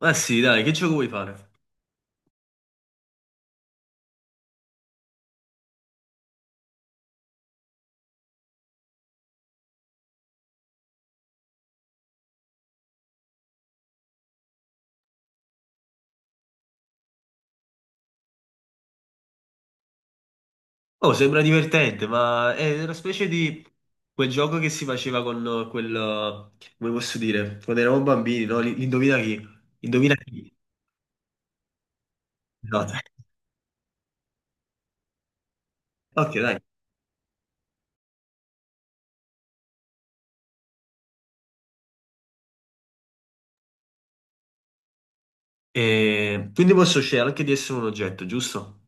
Ma sì, dai, che gioco vuoi fare? Oh, sembra divertente, ma è una specie di quel gioco che si faceva con come posso dire, quando eravamo bambini, no? L'indovina chi? Indovina chi? Esatto. Ok, dai. E quindi posso scegliere anche di essere un oggetto, giusto?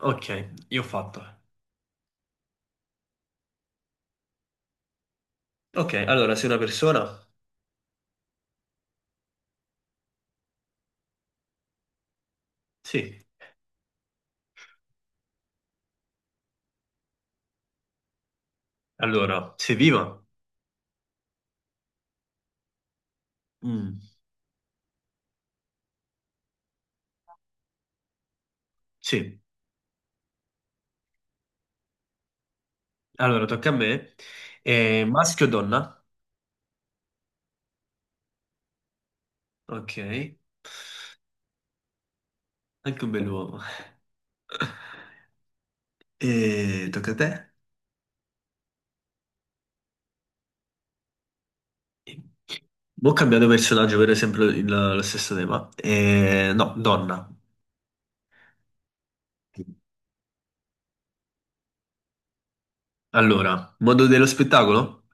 Ok, io ho fatto. Ok, allora, sei una persona? Sì. Allora, sei viva? Mm, sì. Allora, tocca a me. Maschio o donna? Ok. Anche un bell'uomo. E tocca a te. Boh, cambiato personaggio, per esempio lo stesso tema. E, no, donna. Allora, mondo dello spettacolo?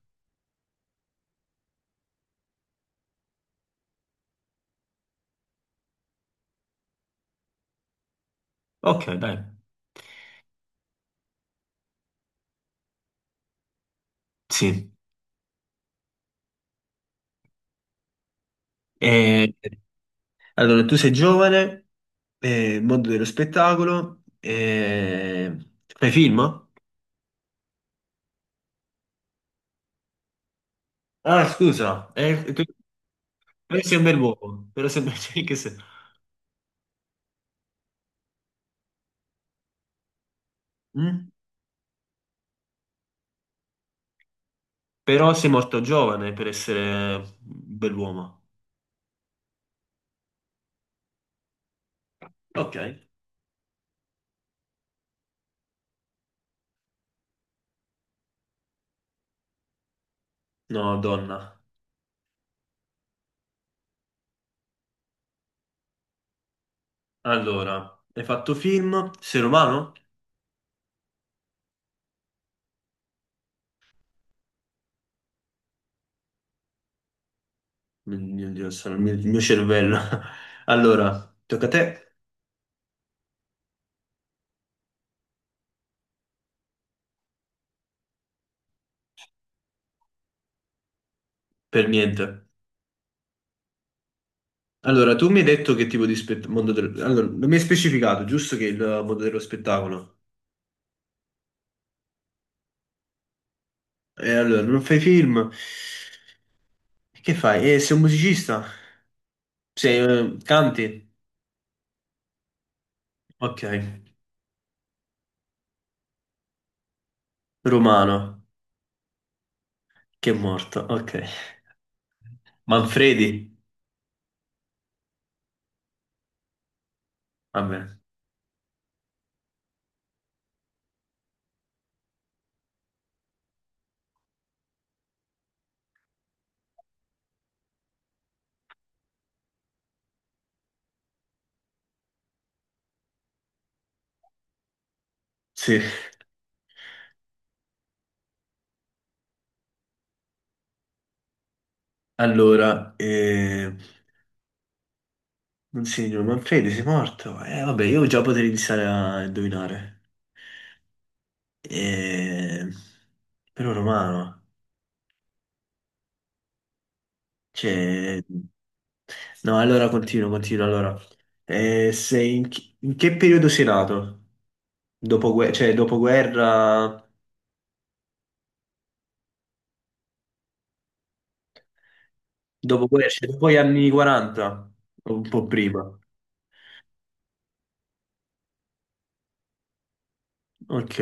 Ok, dai. Sì. E- allora, tu sei giovane, mondo dello spettacolo, fai film? Ah, scusa, però sei un bel uomo, però sei, cioè, che se- Mm? Però sei morto giovane per essere un bell'uomo. Ok. No, donna. Allora, hai fatto film? Sei romano? Mio Dio, sono il mio cervello. Allora, tocca a te? Per niente. Allora, tu mi hai detto che tipo di spettacolo. Allora, non mi hai specificato, giusto che il mondo dello spettacolo. E allora, non fai film? Che fai? Sei un musicista? Canti? Ok. Romano, che è morto. Ok. Manfredi? Vabbè. Sì. Allora. Non Manfredi, sei morto? Vabbè, io già potrei iniziare a indovinare. Eh, Però Romano, cioè. No, allora continuo, allora. In che periodo sei nato? Dopoguerra, cioè dopoguerra, cioè dopo gli anni 40, o un po' prima. Ok.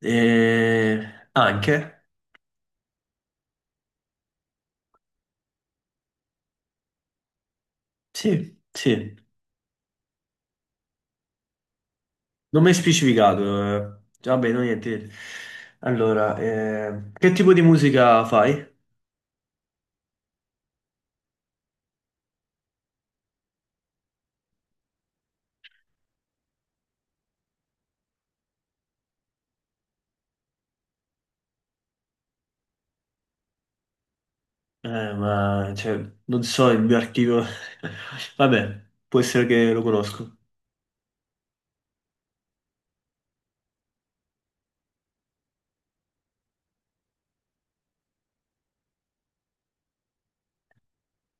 Eh, Anche? Sì, sì. Non mi hai specificato. Vabbè, no, niente. Allora, che tipo di musica fai? Ma, cioè, non so il mio archivio. Vabbè, può essere che lo conosco.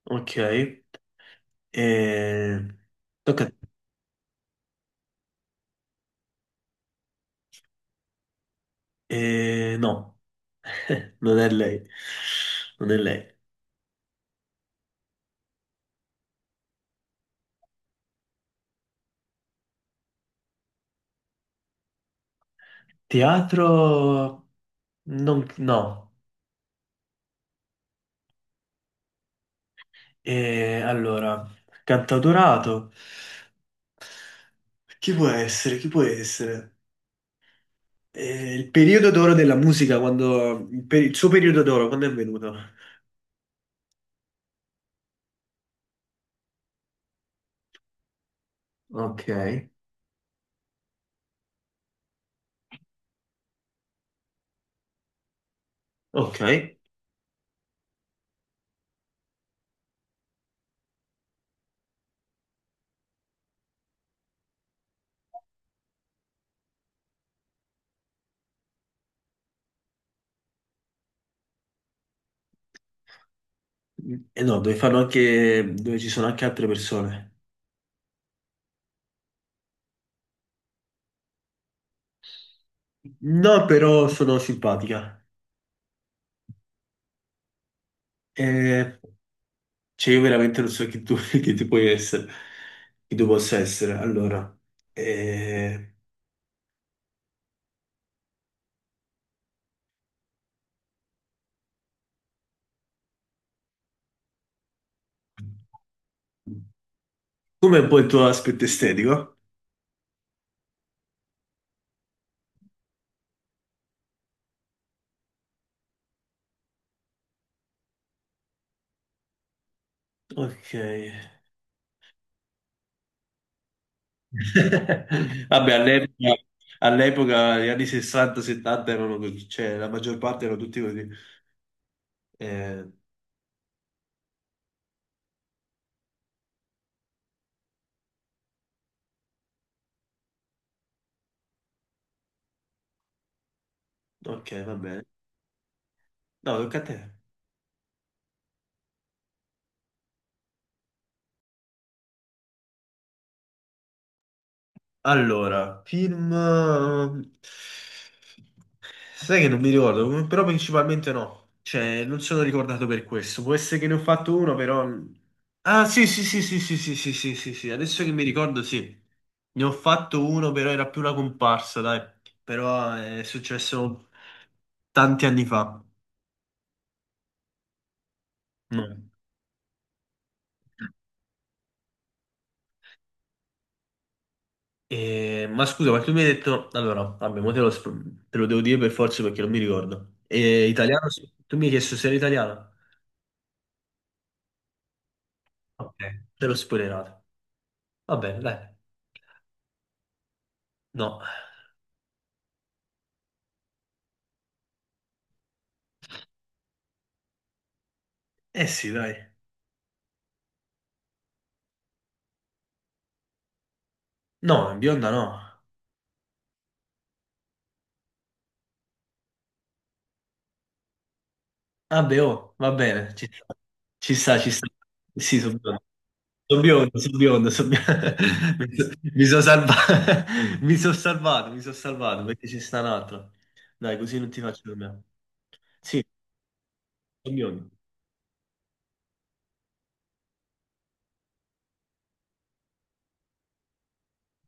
Ok. Eh, Tocca a te. No, non è lei. Non è lei. Teatro. Non, No. Allora, cantautorato. Chi può essere? Chi può essere? Il periodo d'oro della musica, il suo periodo d'oro, quando è venuto? Ok. Ok. E no, dove ci sono anche altre persone. No, però sono simpatica. Eh, cioè, io veramente non so chi tu puoi essere, chi tu possa essere. Allora, eh, com'è un po' il tuo aspetto estetico? Ok. Vabbè, all'epoca, gli anni 60-70 erano così, cioè la maggior parte erano tutti così. Eh, ok, va bene. No, tocca a te. Allora, film. Sai che non mi ricordo, però principalmente no. Cioè, non sono ricordato per questo. Può essere che ne ho fatto uno, però. Ah, sì, sì, sì, sì, sì, sì, sì, sì, sì, sì. Adesso che mi ricordo, sì. Ne ho fatto uno, però era più una comparsa, dai. Però è successo tanti anni fa. No. Ma scusa, ma tu mi hai detto. Allora, vabbè, mo te lo devo dire per forza perché non mi ricordo. Italiano, sì. Tu mi hai chiesto se era italiano? Ok, te l'ho spoilerato. Va bene, dai. No. Eh sì, dai. No, bionda no. Vabbè, oh, va bene, ci sta. Ci sta, ci sta. Sì, sono biondo. Sono biondo, sono biondo, son biondo. Mi sono salvato. Mi sono salvato perché ci sta un altro. Dai, così non ti faccio dormire. Sì, sono biondo.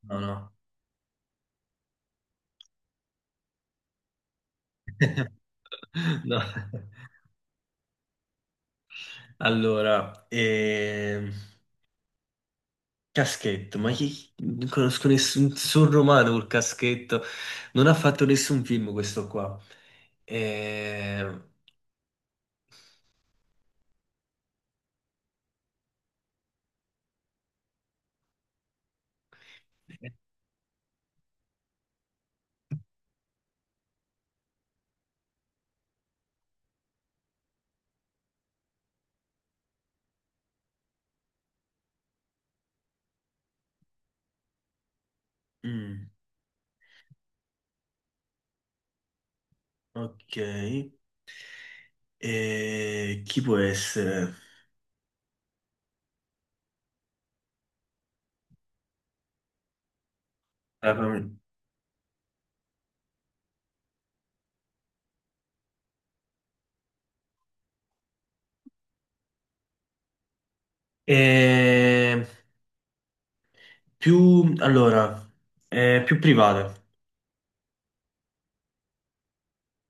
No, no. No. Allora, caschetto, ma chi, non conosco nessun romano col caschetto, non ha fatto nessun film questo qua. Ehm, mm, ok. Chi può essere? Ah, Eh, Più, allora, più private.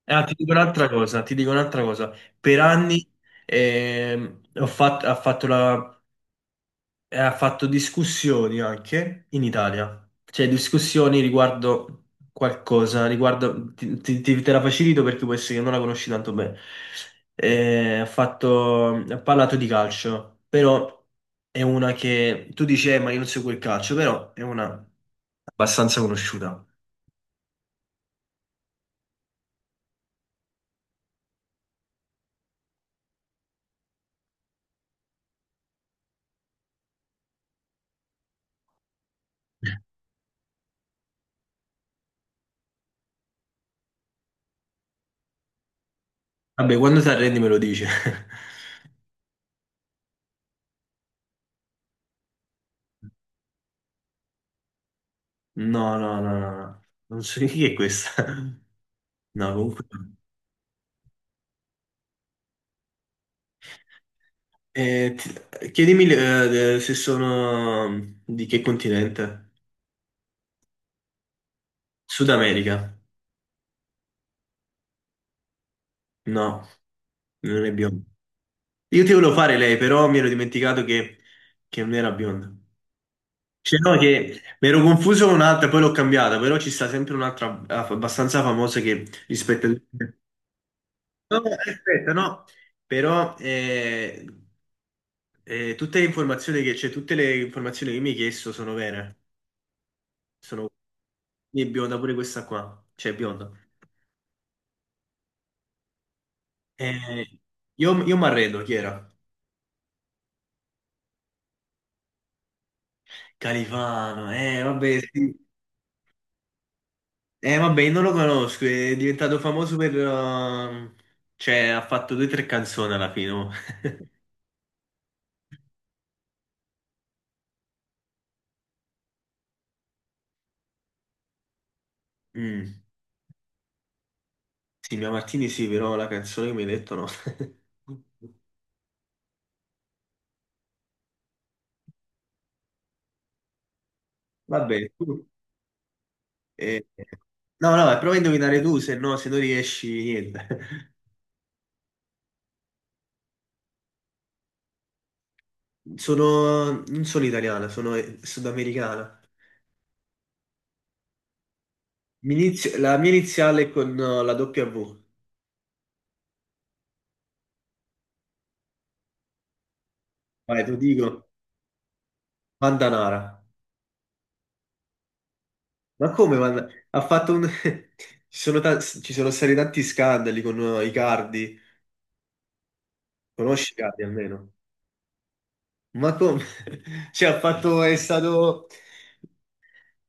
Ah, ti dico un'altra cosa, ti dico un'altra cosa. Per anni ha fatto la e ha fatto discussioni anche in Italia, cioè discussioni riguardo qualcosa, riguardo, ti- ti- te la facilito perché può essere che non la conosci tanto bene. Ha parlato di calcio, però è una che tu dici, Ma io non seguo il calcio, però è una abbastanza conosciuta. Vabbè, quando ti arrendi me lo dici. No, no, no, no, no. Non so chi è questa. No, comunque. Chiedimi se sono di che continente? Sud America? No, non è bionda. Io ti volevo fare lei, però mi ero dimenticato che, non era bionda. Cioè, no, che mi ero confuso con un'altra, poi l'ho cambiata, però ci sta sempre un'altra abbastanza famosa che rispetta. No, aspetta, no, però tutte le informazioni che, cioè, tutte le informazioni che mi hai chiesto sono vere. Sono è bionda pure questa qua, cioè è bionda. Eh, io mi arredo, chi era? Califano, eh vabbè, sì. Vabbè, io non lo conosco, è diventato famoso per, cioè ha fatto due o tre canzoni alla fine. Oh. Mm. Sì, Mia Martini sì, però la canzone che mi hai detto no. Vabbè, tu. eh, No, no, prova a indovinare tu, se no, se non riesci, niente. Non sono italiana, sono sudamericana. La mia iniziale è con la W. Vai, te lo dico. Vandanara. Ma come. Ha fatto un. Ci sono stati tanti scandali con Icardi. Conosci Icardi almeno? Ma come? Cioè, ha fatto. È stato.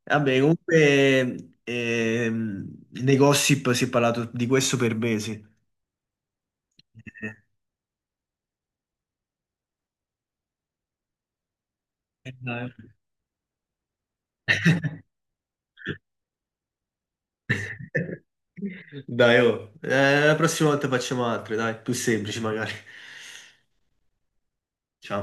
Vabbè, comunque, nei gossip si è parlato di questo per mesi. Eh, Dai. Dai, oh. La prossima volta facciamo altre, dai. Più semplici magari. Ciao.